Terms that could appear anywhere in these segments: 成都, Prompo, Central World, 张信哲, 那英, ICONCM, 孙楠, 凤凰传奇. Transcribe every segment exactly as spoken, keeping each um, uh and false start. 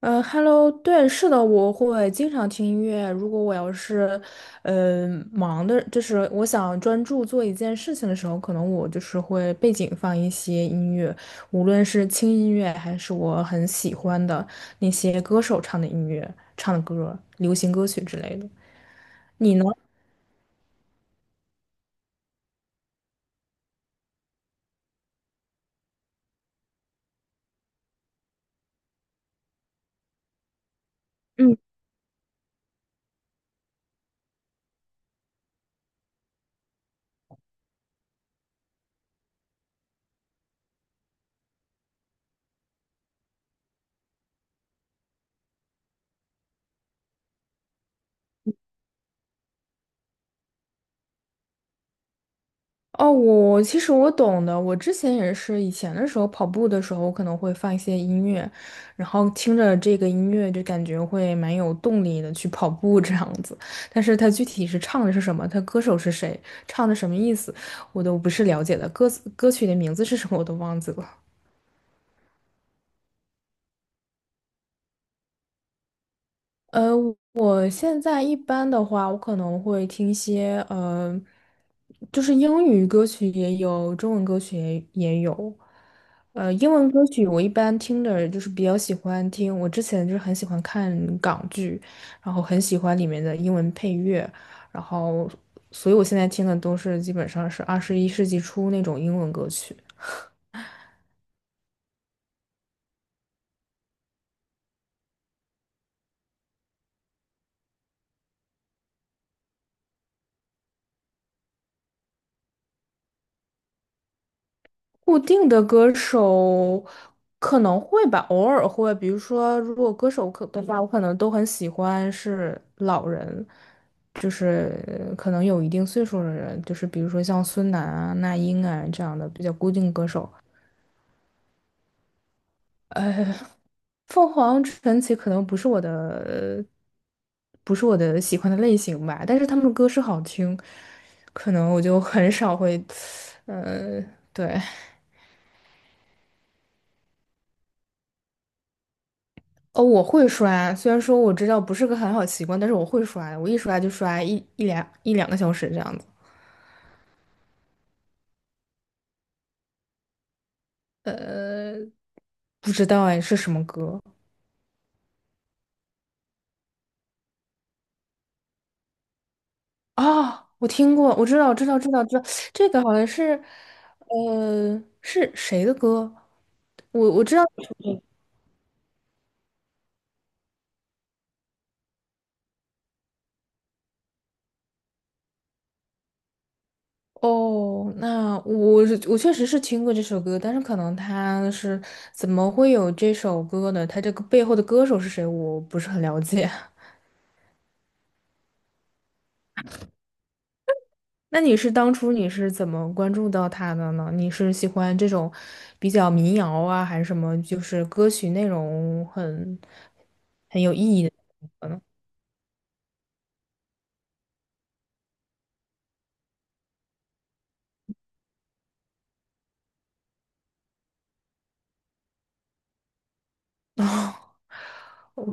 呃，Hello，对，是的，我会经常听音乐。如果我要是，呃，忙的，就是我想专注做一件事情的时候，可能我就是会背景放一些音乐，无论是轻音乐还是我很喜欢的那些歌手唱的音乐、唱的歌、流行歌曲之类的。你呢？哦，我其实我懂的。我之前也是，以前的时候跑步的时候，我可能会放一些音乐，然后听着这个音乐就感觉会蛮有动力的去跑步这样子。但是它具体是唱的是什么，它歌手是谁，唱的什么意思，我都不是了解的。歌词歌曲的名字是什么我都忘记了。呃，我现在一般的话，我可能会听一些呃，就是英语歌曲也有，中文歌曲也也有。呃，英文歌曲我一般听的就是比较喜欢听，我之前就是很喜欢看港剧，然后很喜欢里面的英文配乐，然后所以我现在听的都是基本上是二十一世纪初那种英文歌曲。固定的歌手可能会吧，偶尔会。比如说，如果歌手可的话，我可能都很喜欢是老人，就是可能有一定岁数的人，就是比如说像孙楠啊、那英啊这样的比较固定歌手。呃，凤凰传奇可能不是我的，不是我的喜欢的类型吧，但是他们的歌是好听，可能我就很少会，呃，对。哦，我会刷，虽然说我知道不是个很好习惯，但是我会刷的我一刷就刷一一两一两个小时这样子。呃，不知道哎，是什么歌啊？我听过，我知道，知道，知道，知道，这个好像是，呃，是谁的歌？我我知道。哦，那我是我确实是听过这首歌，但是可能他是怎么会有这首歌呢？他这个背后的歌手是谁，我不是很了解。那你是当初你是怎么关注到他的呢？你是喜欢这种比较民谣啊，还是什么？就是歌曲内容很很有意义的？哦，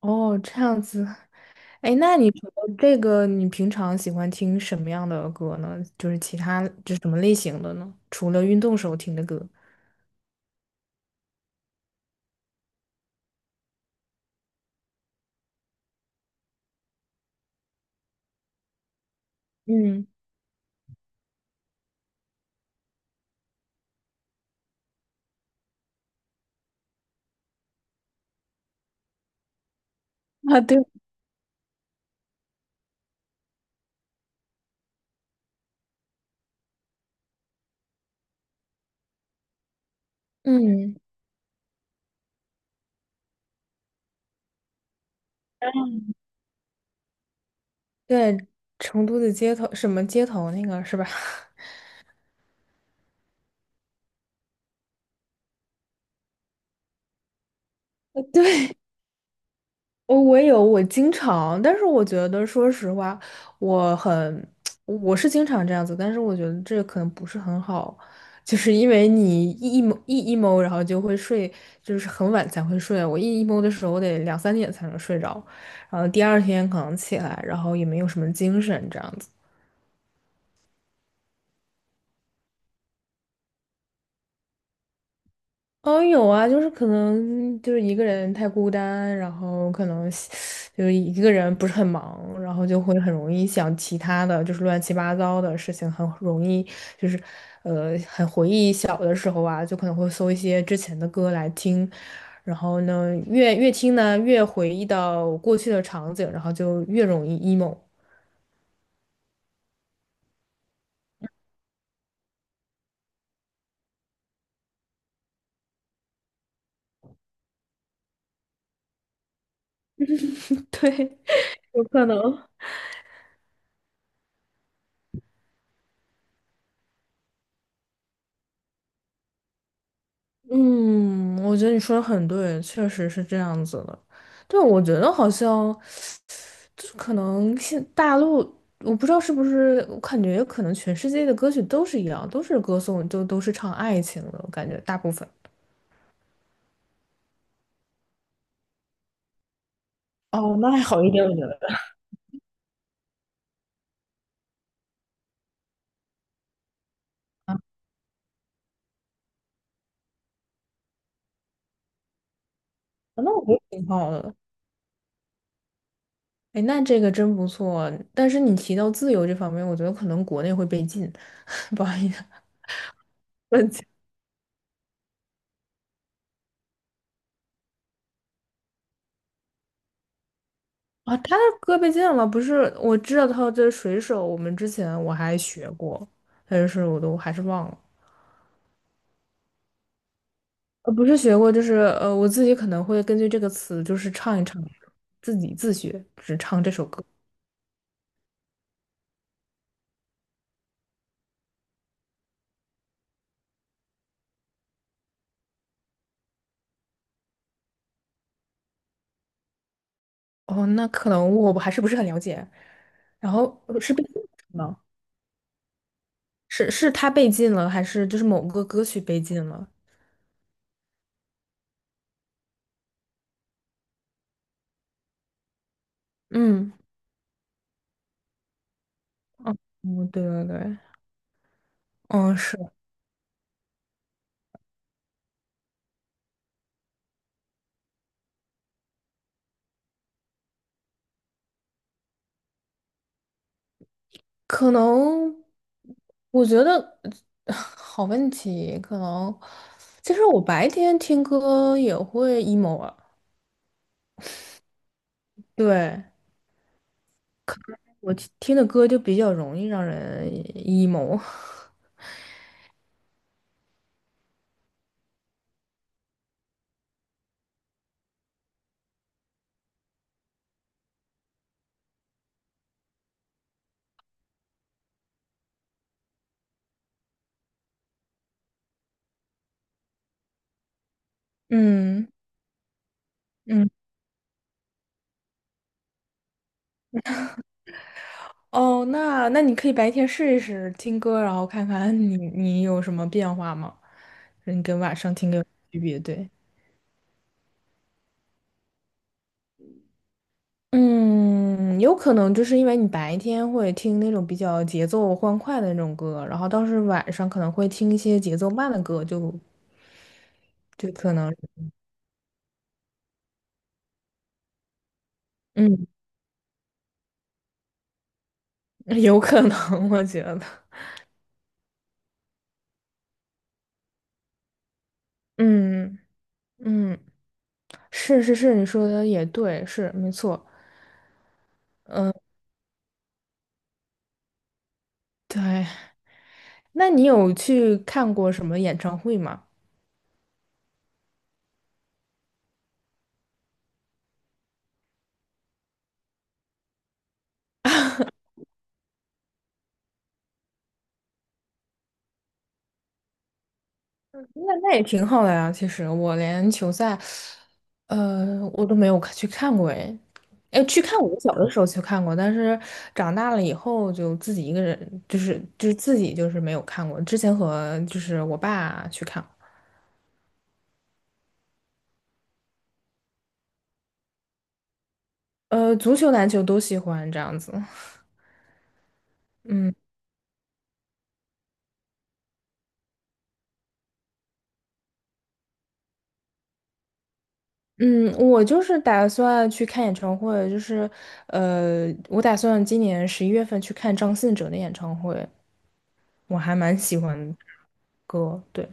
哦，这样子。哎，那你除了这个，你平常喜欢听什么样的歌呢？就是其他就是什么类型的呢？除了运动时候听的歌。嗯，啊，对，嗯，对，成都的街头，什么街头那个是吧？对，哦，我也有，我经常，但是我觉得，说实话，我很，我是经常这样子，但是我觉得这可能不是很好，就是因为你一 e m 一 emo，然后就会睡，就是很晚才会睡。我一 emo 的时候，我得两三点才能睡着，然后第二天可能起来，然后也没有什么精神这样子。哦，有啊，就是可能就是一个人太孤单，然后可能喜就是一个人不是很忙，然后就会很容易想其他的，就是乱七八糟的事情，很容易就是呃，很回忆小的时候啊，就可能会搜一些之前的歌来听，然后呢，越越听呢，越回忆到过去的场景，然后就越容易 emo。对，有可能。嗯，我觉得你说的很对，确实是这样子的。对，我觉得好像。就是可能现大陆，我不知道是不是，我感觉可能全世界的歌曲都是一样，都是歌颂，就都是唱爱情的，我感觉大部分。哦，那还好一点，我觉得。那我觉得挺好的。哎，那这个真不错。但是你提到自由这方面，我觉得可能国内会被禁，不好意思，问题啊，他的歌被禁了，不是？我知道他这水手，我们之前我还学过，但是我都还是忘了。呃，不是学过，就是呃，我自己可能会根据这个词，就是唱一唱，自己自学，只唱这首歌。哦，那可能我还是不是很了解。然后呃是被禁了吗？是是他被禁了，还是就是某个歌曲被禁了？嗯，嗯，对对对，嗯，是，可能，我觉得 好问题，可能，其实我白天听歌也会 emo 啊，对。我听听的歌就比较容易让人 emo。嗯嗯，哦，那那你可以白天试一试听歌，然后看看你你有什么变化吗？你跟晚上听歌有区别，对。嗯，有可能就是因为你白天会听那种比较节奏欢快的那种歌，然后倒是晚上可能会听一些节奏慢的歌，就就可能，嗯，有可能，我觉得，嗯嗯。是是是，你说的也对，是没错。对，那你有去看过什么演唱会吗？那那也挺好的呀。其实我连球赛，呃，我都没有去看过诶。哎，去看我小的时候去看过，但是长大了以后就自己一个人，就是就是自己就是没有看过。之前和就是我爸去看，呃，足球、篮球都喜欢这样子。嗯。嗯，我就是打算去看演唱会，就是呃，我打算今年十一月份去看张信哲的演唱会，我还蛮喜欢歌，对，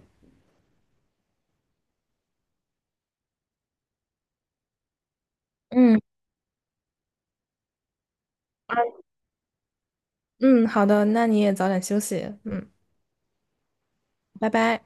嗯嗯，好的，那你也早点休息，嗯，拜拜。